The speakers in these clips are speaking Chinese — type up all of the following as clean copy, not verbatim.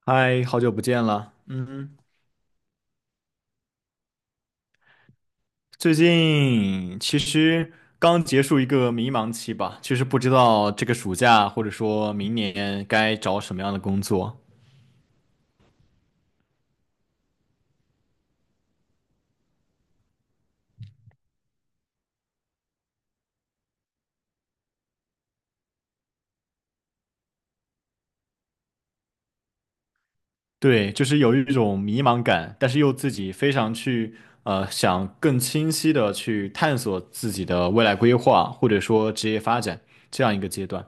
嗨，好久不见了。嗯，最近其实刚结束一个迷茫期吧，其实不知道这个暑假或者说明年该找什么样的工作。对，就是有一种迷茫感，但是又自己非常去想更清晰的去探索自己的未来规划，或者说职业发展这样一个阶段。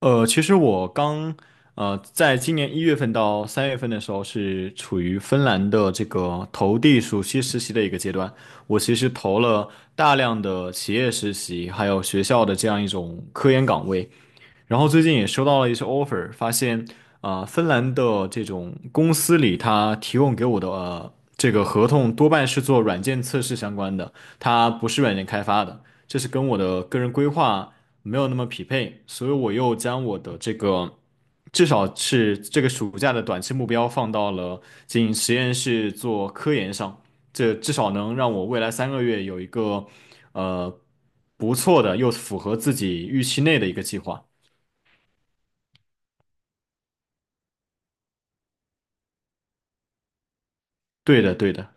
其实我刚在今年一月份到三月份的时候，是处于芬兰的这个投递暑期实习的一个阶段。我其实投了大量的企业实习，还有学校的这样一种科研岗位。然后最近也收到了一些 offer,发现芬兰的这种公司里，它提供给我的、这个合同多半是做软件测试相关的，它不是软件开发的，这是跟我的个人规划没有那么匹配，所以我又将我的这个至少是这个暑假的短期目标放到了进实验室做科研上，这至少能让我未来三个月有一个呃不错的又符合自己预期内的一个计划。对的，对的。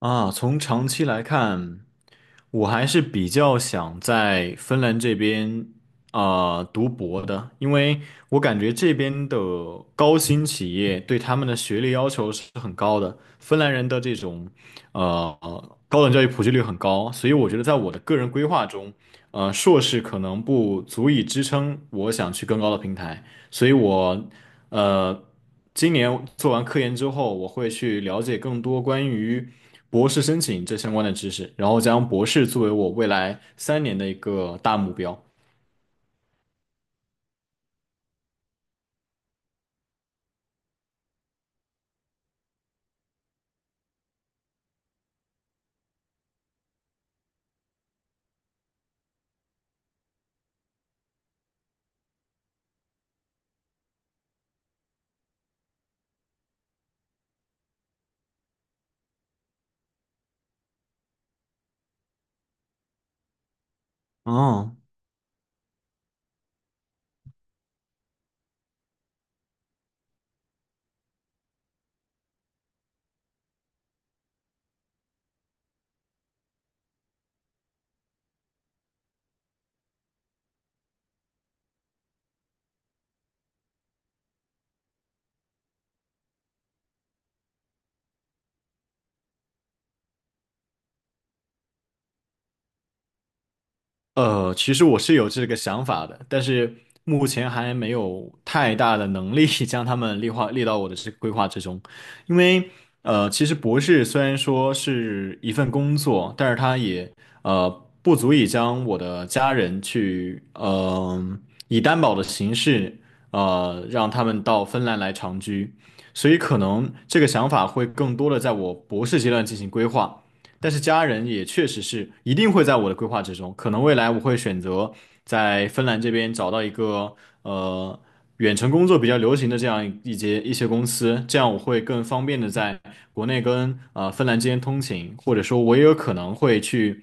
从长期来看，我还是比较想在芬兰这边读博的，因为我感觉这边的高新企业对他们的学历要求是很高的，芬兰人的这种呃高等教育普及率很高，所以我觉得在我的个人规划中，呃，硕士可能不足以支撑我想去更高的平台，所以我呃今年做完科研之后，我会去了解更多关于。博士申请这相关的知识，然后将博士作为我未来三年的一个大目标。哦，其实我是有这个想法的，但是目前还没有太大的能力 将他们列到我的这个规划之中，因为其实博士虽然说是一份工作，但是它也呃不足以将我的家人去以担保的形式让他们到芬兰来长居，所以可能这个想法会更多的在我博士阶段进行规划。但是家人也确实是一定会在我的规划之中，可能未来我会选择在芬兰这边找到一个呃远程工作比较流行的这样一些公司，这样我会更方便的在国内跟芬兰之间通勤，或者说我也有可能会去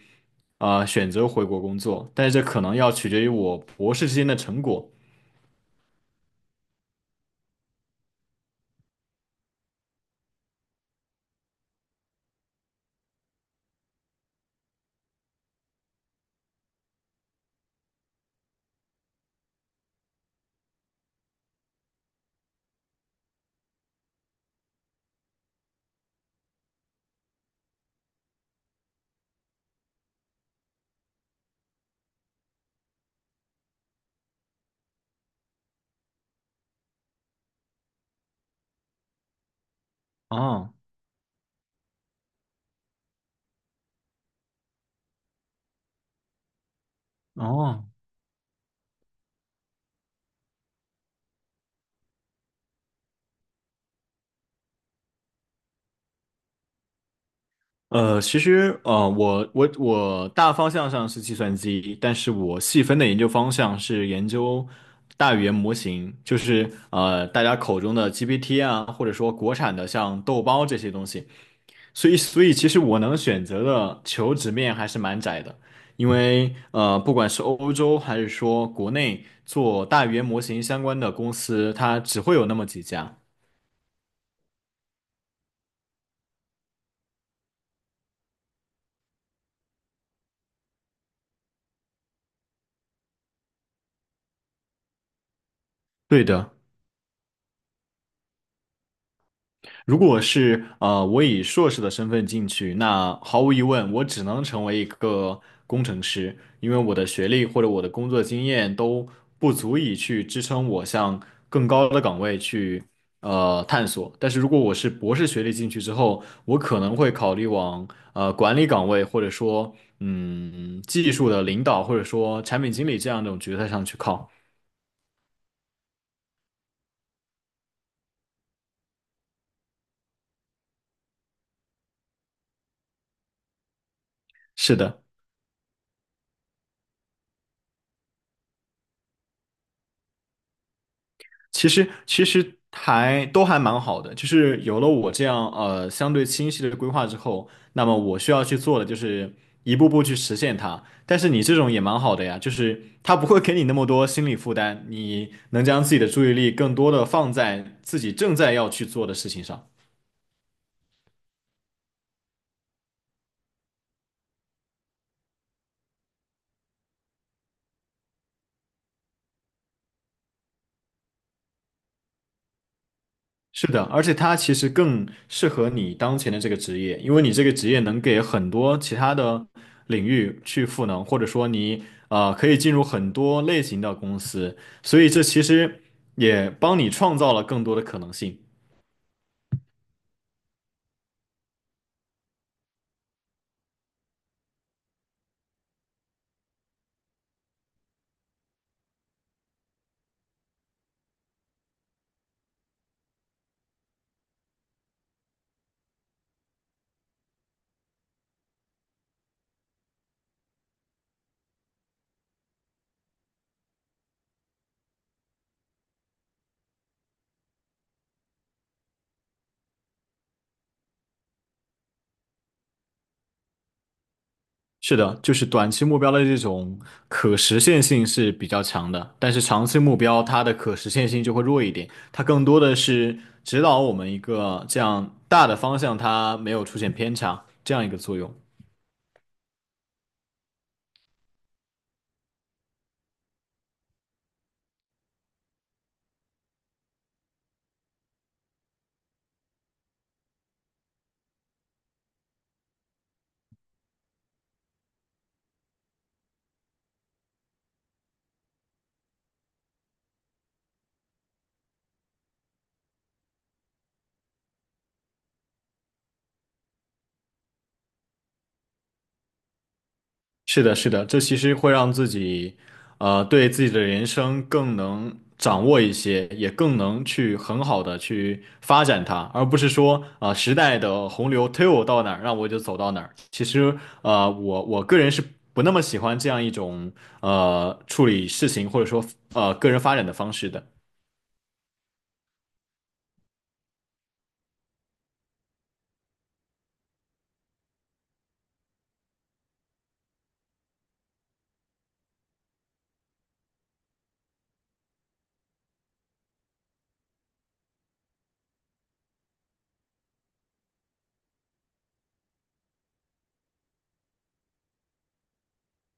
选择回国工作，但是这可能要取决于我博士之间的成果。哦哦，呃，其实，呃，我大方向上是计算机，但是我细分的研究方向是研究大语言模型，就是大家口中的 GPT 啊，或者说国产的像豆包这些东西。所以，所以其实我能选择的求职面还是蛮窄的，因为呃，不管是欧洲还是说国内做大语言模型相关的公司，它只会有那么几家。对的。如果是呃，我以硕士的身份进去，那毫无疑问，我只能成为一个工程师，因为我的学历或者我的工作经验都不足以去支撑我向更高的岗位去探索。但是如果我是博士学历进去之后，我可能会考虑往管理岗位，或者说技术的领导，或者说产品经理这样一种角色上去靠。是的。其实还都还蛮好的，就是有了我这样相对清晰的规划之后，那么我需要去做的就是一步步去实现它。但是你这种也蛮好的呀，就是它不会给你那么多心理负担，你能将自己的注意力更多的放在自己正在要去做的事情上。是的，而且它其实更适合你当前的这个职业，因为你这个职业能给很多其他的领域去赋能，或者说你可以进入很多类型的公司，所以这其实也帮你创造了更多的可能性。是的，就是短期目标的这种可实现性是比较强的，但是长期目标它的可实现性就会弱一点，它更多的是指导我们一个这样大的方向，它没有出现偏差这样一个作用。是的，是的，这其实会让自己，呃，对自己的人生更能掌握一些，也更能去很好的去发展它，而不是说，时代的洪流推我到哪儿，让我就走到哪儿。其实，呃，我个人是不那么喜欢这样一种，呃，处理事情或者说，呃，个人发展的方式的。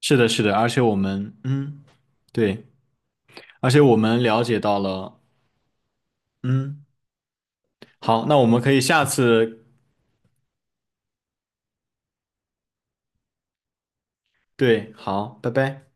是的，是的，而且我们，嗯，对，而且我们了解到了，嗯，好，那我们可以下次，对，好，拜拜。